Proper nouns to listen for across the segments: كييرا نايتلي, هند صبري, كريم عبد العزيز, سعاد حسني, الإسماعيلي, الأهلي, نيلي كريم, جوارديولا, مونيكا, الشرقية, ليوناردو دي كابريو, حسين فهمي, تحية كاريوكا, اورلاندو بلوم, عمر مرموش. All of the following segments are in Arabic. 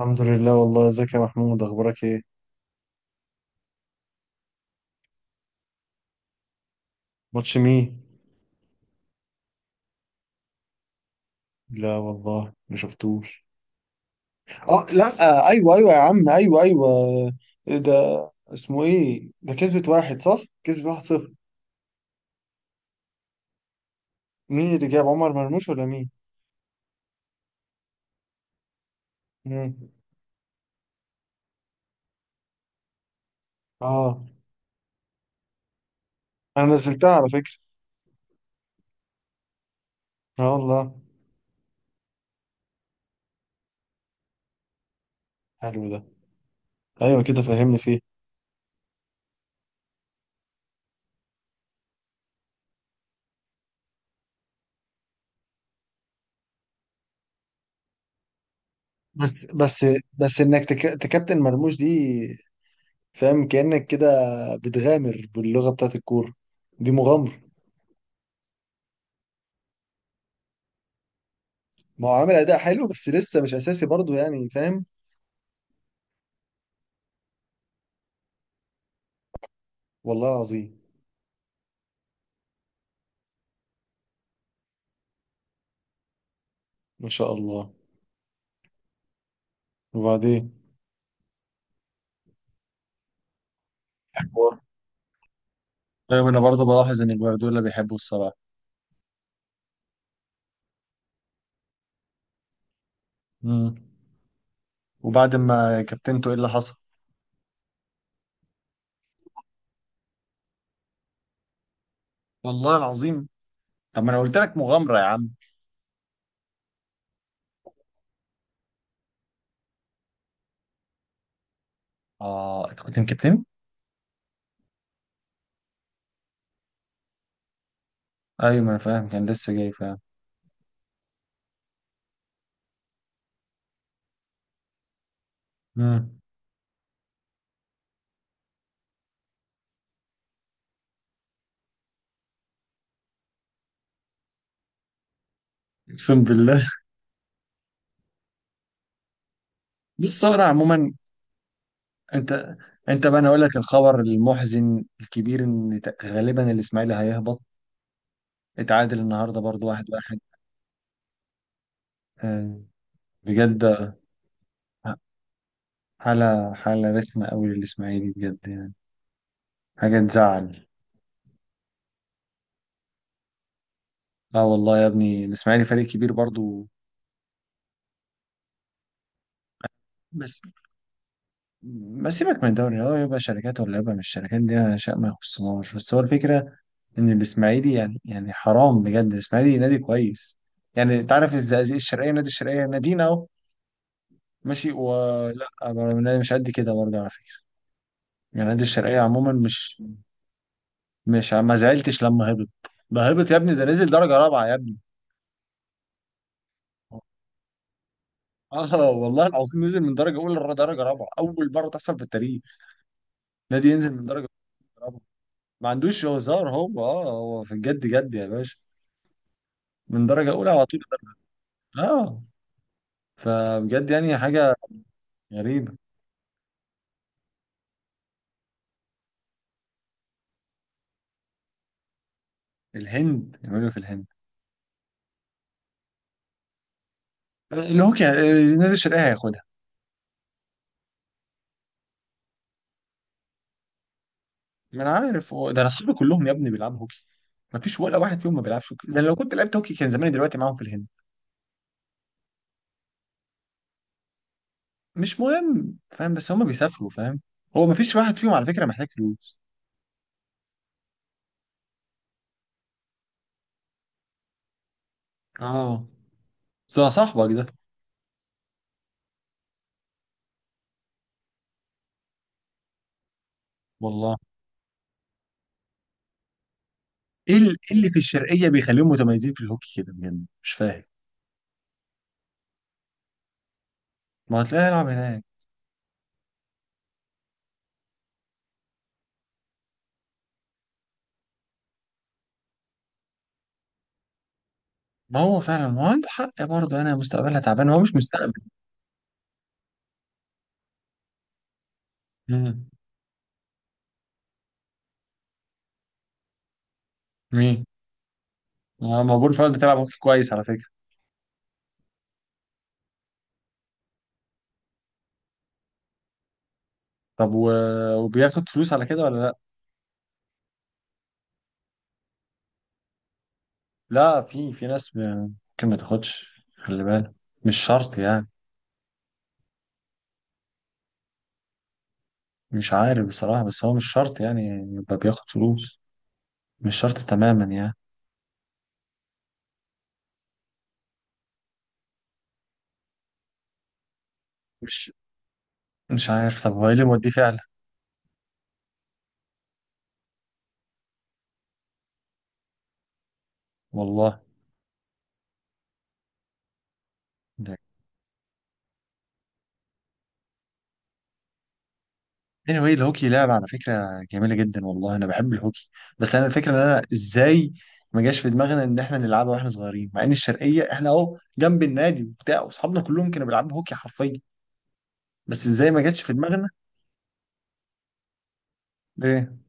الحمد لله، والله ازيك يا محمود، اخبارك ايه؟ ماتش مين؟ لا والله ما شفتوش. اه، لا، آه ايوه ايوه يا عم، ايوه ايوه. إيه ده؟ اسمه ايه ده؟ كسبت واحد صح؟ كسبت واحد صفر؟ مين اللي جاب؟ عمر مرموش ولا مين؟ مم. اه، انا نزلتها على فكرة. اه والله. حلو ده. ايوه كده، فهمني فيه. بس. بس انك تكابتن مرموش دي، فاهم؟ كأنك كده بتغامر باللغة بتاعت الكورة، دي مغامرة. ما هو عامل اداء حلو بس لسه مش اساسي برضه، يعني فاهم. والله العظيم. ما شاء الله. وبعدين؟ حلوة. طيب انا برضه بلاحظ ان جوارديولا بيحبه الصراحه. امم. وبعد ما كابتنته ايه اللي حصل؟ والله العظيم. طب ما انا قلت لك مغامره يا عم. اه انت كنت مكابتن؟ ايوه، ما انا فاهم كان لسه جاي، فاهم. امم. اقسم بالله؟ بص هو أنا عموما، انت انت بقى انا اقول لك الخبر المحزن الكبير، ان غالبا الاسماعيلي هيهبط. اتعادل النهارده برضه واحد واحد. آه، بجد. حالة، حالة رسمة قوي للإسماعيلي بجد يعني، حاجة تزعل. اه والله يا ابني الإسماعيلي فريق كبير برضو. بس ما سيبك من الدوري، هو يبقى شركات ولا يبقى مش شركات دي شيء ما يخصناش، بس هو الفكرة إن الإسماعيلي يعني، يعني حرام بجد، الإسماعيلي نادي كويس. يعني أنت عارف الزقازيق الشرقية، نادي الشرقية نادينا أهو، ماشي ولا؟ نادي مش قد كده برضه على فكرة، يعني نادي الشرقية عموما مش، مش ما زعلتش لما هبط. ده هبط يا ابني، ده نزل درجة رابعة يا ابني. اه والله العظيم نزل من درجه اولى لدرجه رابعه، اول مره تحصل في التاريخ. نادي ينزل من درجه أولى لرابعه؟ ما عندوش هزار هو، اه هو في الجد جد يا باشا. من درجه اولى على طول درجة. اه. فبجد يعني حاجه غريبه. الهند؟ يعملوا إيه في الهند؟ الهوكي؟ النادي الشرقيه هياخدها. ما انا عارف هو ده، انا اصحابي كلهم يا ابني بيلعبوا هوكي. ما فيش ولا واحد فيهم ما بيلعبش هوكي، لان لو كنت لعبت هوكي كان زماني دلوقتي معاهم في الهند. مش مهم، فاهم؟ بس هم بيسافروا فاهم. هو ما فيش واحد فيهم على فكره محتاج فلوس. اه. ده صاحبك ده. والله. إيه اللي في الشرقيه بيخليهم متميزين في الهوكي كده بجد، مش فاهم. ما هتلاقيه يلعب هناك. ما هو فعلا، ما هو عنده حق برضه، انا مستقبلها تعبان، هو مش مستقبل. مم. مين؟ آه، ما بقول فعلا بتلعب هوكي كويس على فكره. طب وبياخد فلوس على كده ولا لا؟ لا، في ناس ممكن ما تاخدش، خلي بالك. مش شرط يعني. مش عارف بصراحه، بس هو مش شرط يعني يبقى بياخد فلوس. مش شرط تماما يعني. مش مش عارف، طب هو ايه اللي موديه فعلا؟ والله. anyway الهوكي لعبة على فكرة جميلة جدا، والله أنا بحب الهوكي. بس أنا الفكرة إن أنا إزاي ما جاش في دماغنا إن إحنا نلعبها وإحنا صغيرين، مع إن الشرقية إحنا أهو جنب النادي وبتاع وأصحابنا كلهم كانوا بيلعبوا هوكي حرفيا. بس إزاي ما جاتش في دماغنا؟ إيه؟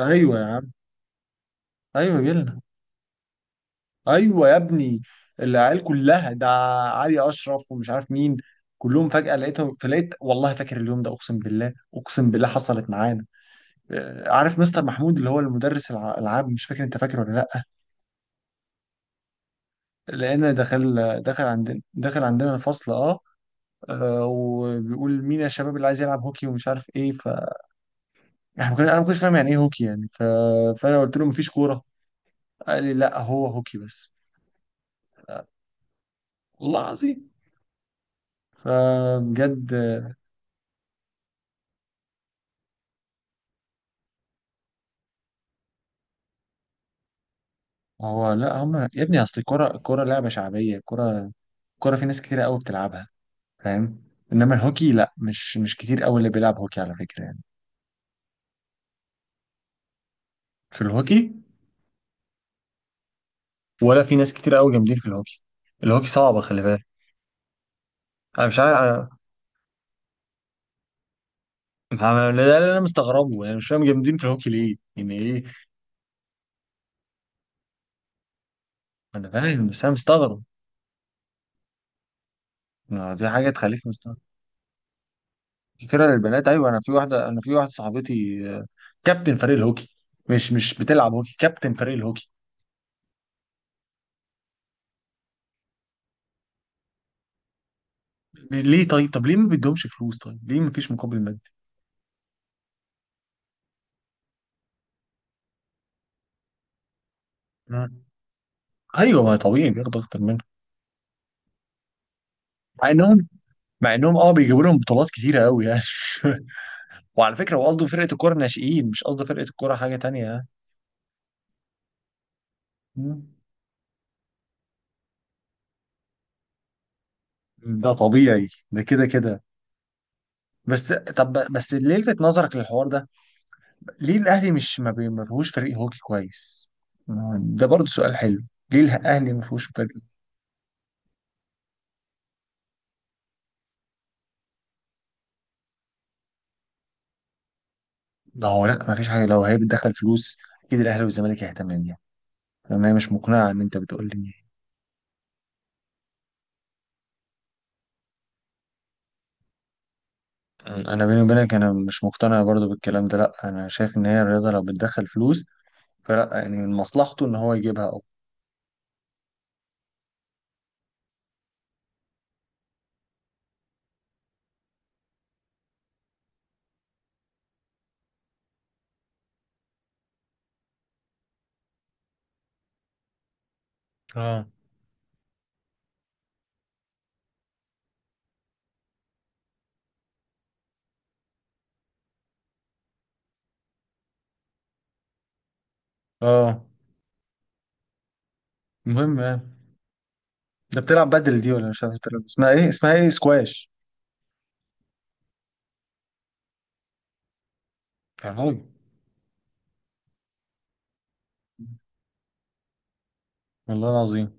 أيوه يا عم. أيوه جيلنا. أيوه يا ابني. العيال كلها ده، علي أشرف ومش عارف مين، كلهم فجأة لقيتهم، فلقيت والله فاكر اليوم ده، أقسم بالله أقسم بالله حصلت معانا. آه، عارف مستر محمود اللي هو المدرس الألعاب، مش فاكر؟ أنت فاكر ولا لأ؟ لان دخل دخل عندنا، دخل عندنا الفصل. اه. آه، وبيقول مين يا شباب اللي عايز يلعب هوكي ومش عارف ايه، ف احنا ما كنا- انا ما كنتش فاهم يعني ايه هوكي يعني فانا قلت له مفيش كوره؟ قال لي لا هو هوكي بس. والله العظيم. فبجد آه، هو لا، هم يا ابني اصل الكوره، الكوره لعبه شعبيه، الكوره، الكوره في ناس كتير قوي بتلعبها، فاهم؟ انما الهوكي لا، مش كتير قوي اللي بيلعب هوكي على فكره يعني. في الهوكي. ولا في ناس كتير قوي جامدين في الهوكي. الهوكي صعبه، خلي بالك. انا مش عارف. فاهم؟ ده اللي انا مستغربه يعني، مش فاهم جامدين في الهوكي ليه، يعني ايه. انا فاهم، بس انا مستغرب. ما في حاجه تخليك مستغرب. كتير للبنات، ايوه انا في واحده، انا في واحده صاحبتي آه، كابتن فريق الهوكي. مش بتلعب هوكي، كابتن فريق الهوكي. ليه طيب؟ طب ليه ما بيدهمش فلوس؟ طيب ليه ما فيش مقابل مادي؟ مم. ايوه، ما طبيعي بياخدوا اكتر منه. مع انهم مع انهم اه بيجيبوا لهم بطولات كتيره قوي يعني. وعلى فكره هو قصده فرقه الكوره الناشئين، مش قصده فرقه الكوره حاجه تانية يعني. مم. ده طبيعي، ده كده كده. بس طب بس اللي لفت نظرك للحوار ده، ليه الاهلي مش ما فيهوش فريق هوكي كويس؟ ده برضه سؤال حلو. ليه الاهلي ما فيهوش فريق؟ لا هو لا، ما فيش حاجه، لو هي بتدخل فلوس اكيد الاهلي والزمالك هيهتم بيها. انا مش مقنعه ان انت بتقول لي. انا بيني وبينك انا مش مقتنع برضه بالكلام ده، لا انا شايف ان هي الرياضه لو بتدخل فلوس فلا يعني من مصلحته ان هو يجيبها أو. اه. اه. المهم يعني. ده بتلعب بدل دي ولا مش عارف بتلعب اسمها ايه، اسمها ايه، سكواش؟ يا راجل. والله العظيم.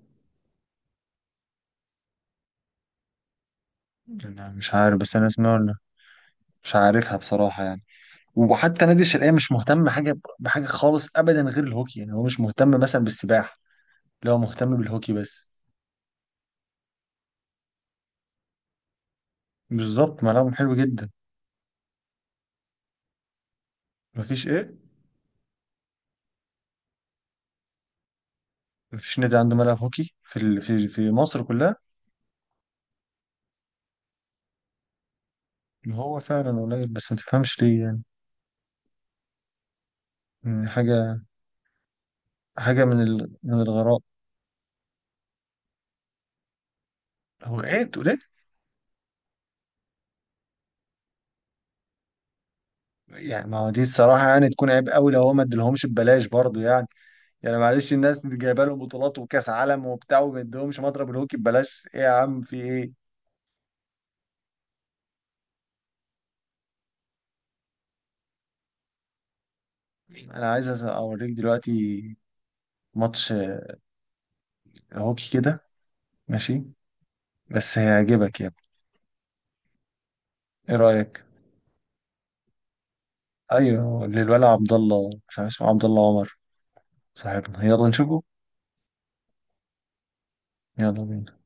أنا مش عارف بس أنا اسمها ولا، مش عارفها بصراحة يعني. وحتى نادي الشرقية مش مهتم حاجة بحاجة خالص أبدا غير الهوكي، يعني هو مش مهتم مثلا بالسباحة، لا هو مهتم بالهوكي بس. بالظبط، ملعبهم حلو جدا. مفيش إيه؟ مفيش نادي عنده ملعب هوكي في في مصر كلها؟ هو فعلا قليل، بس ما تفهمش ليه يعني. يعني حاجة، حاجة من الغراء. هو إيه تقول إيه؟ يعني ما هو دي الصراحة يعني تكون عيب قوي لو هو ما ادالهمش ببلاش برضه يعني. يعني معلش الناس دي جايبه لهم بطولات وكاس عالم وبتاع وما يديهمش مضرب الهوكي ببلاش، ايه يا عم، في ايه؟ انا عايز اوريك دلوقتي ماتش هوكي كده، ماشي؟ بس هيعجبك يا ابني. ايه رايك؟ ايوه للولا عبد الله، مش عارف اسمه عبد الله عمر، صاحبنا، يلا نشوفه. يلا بينا.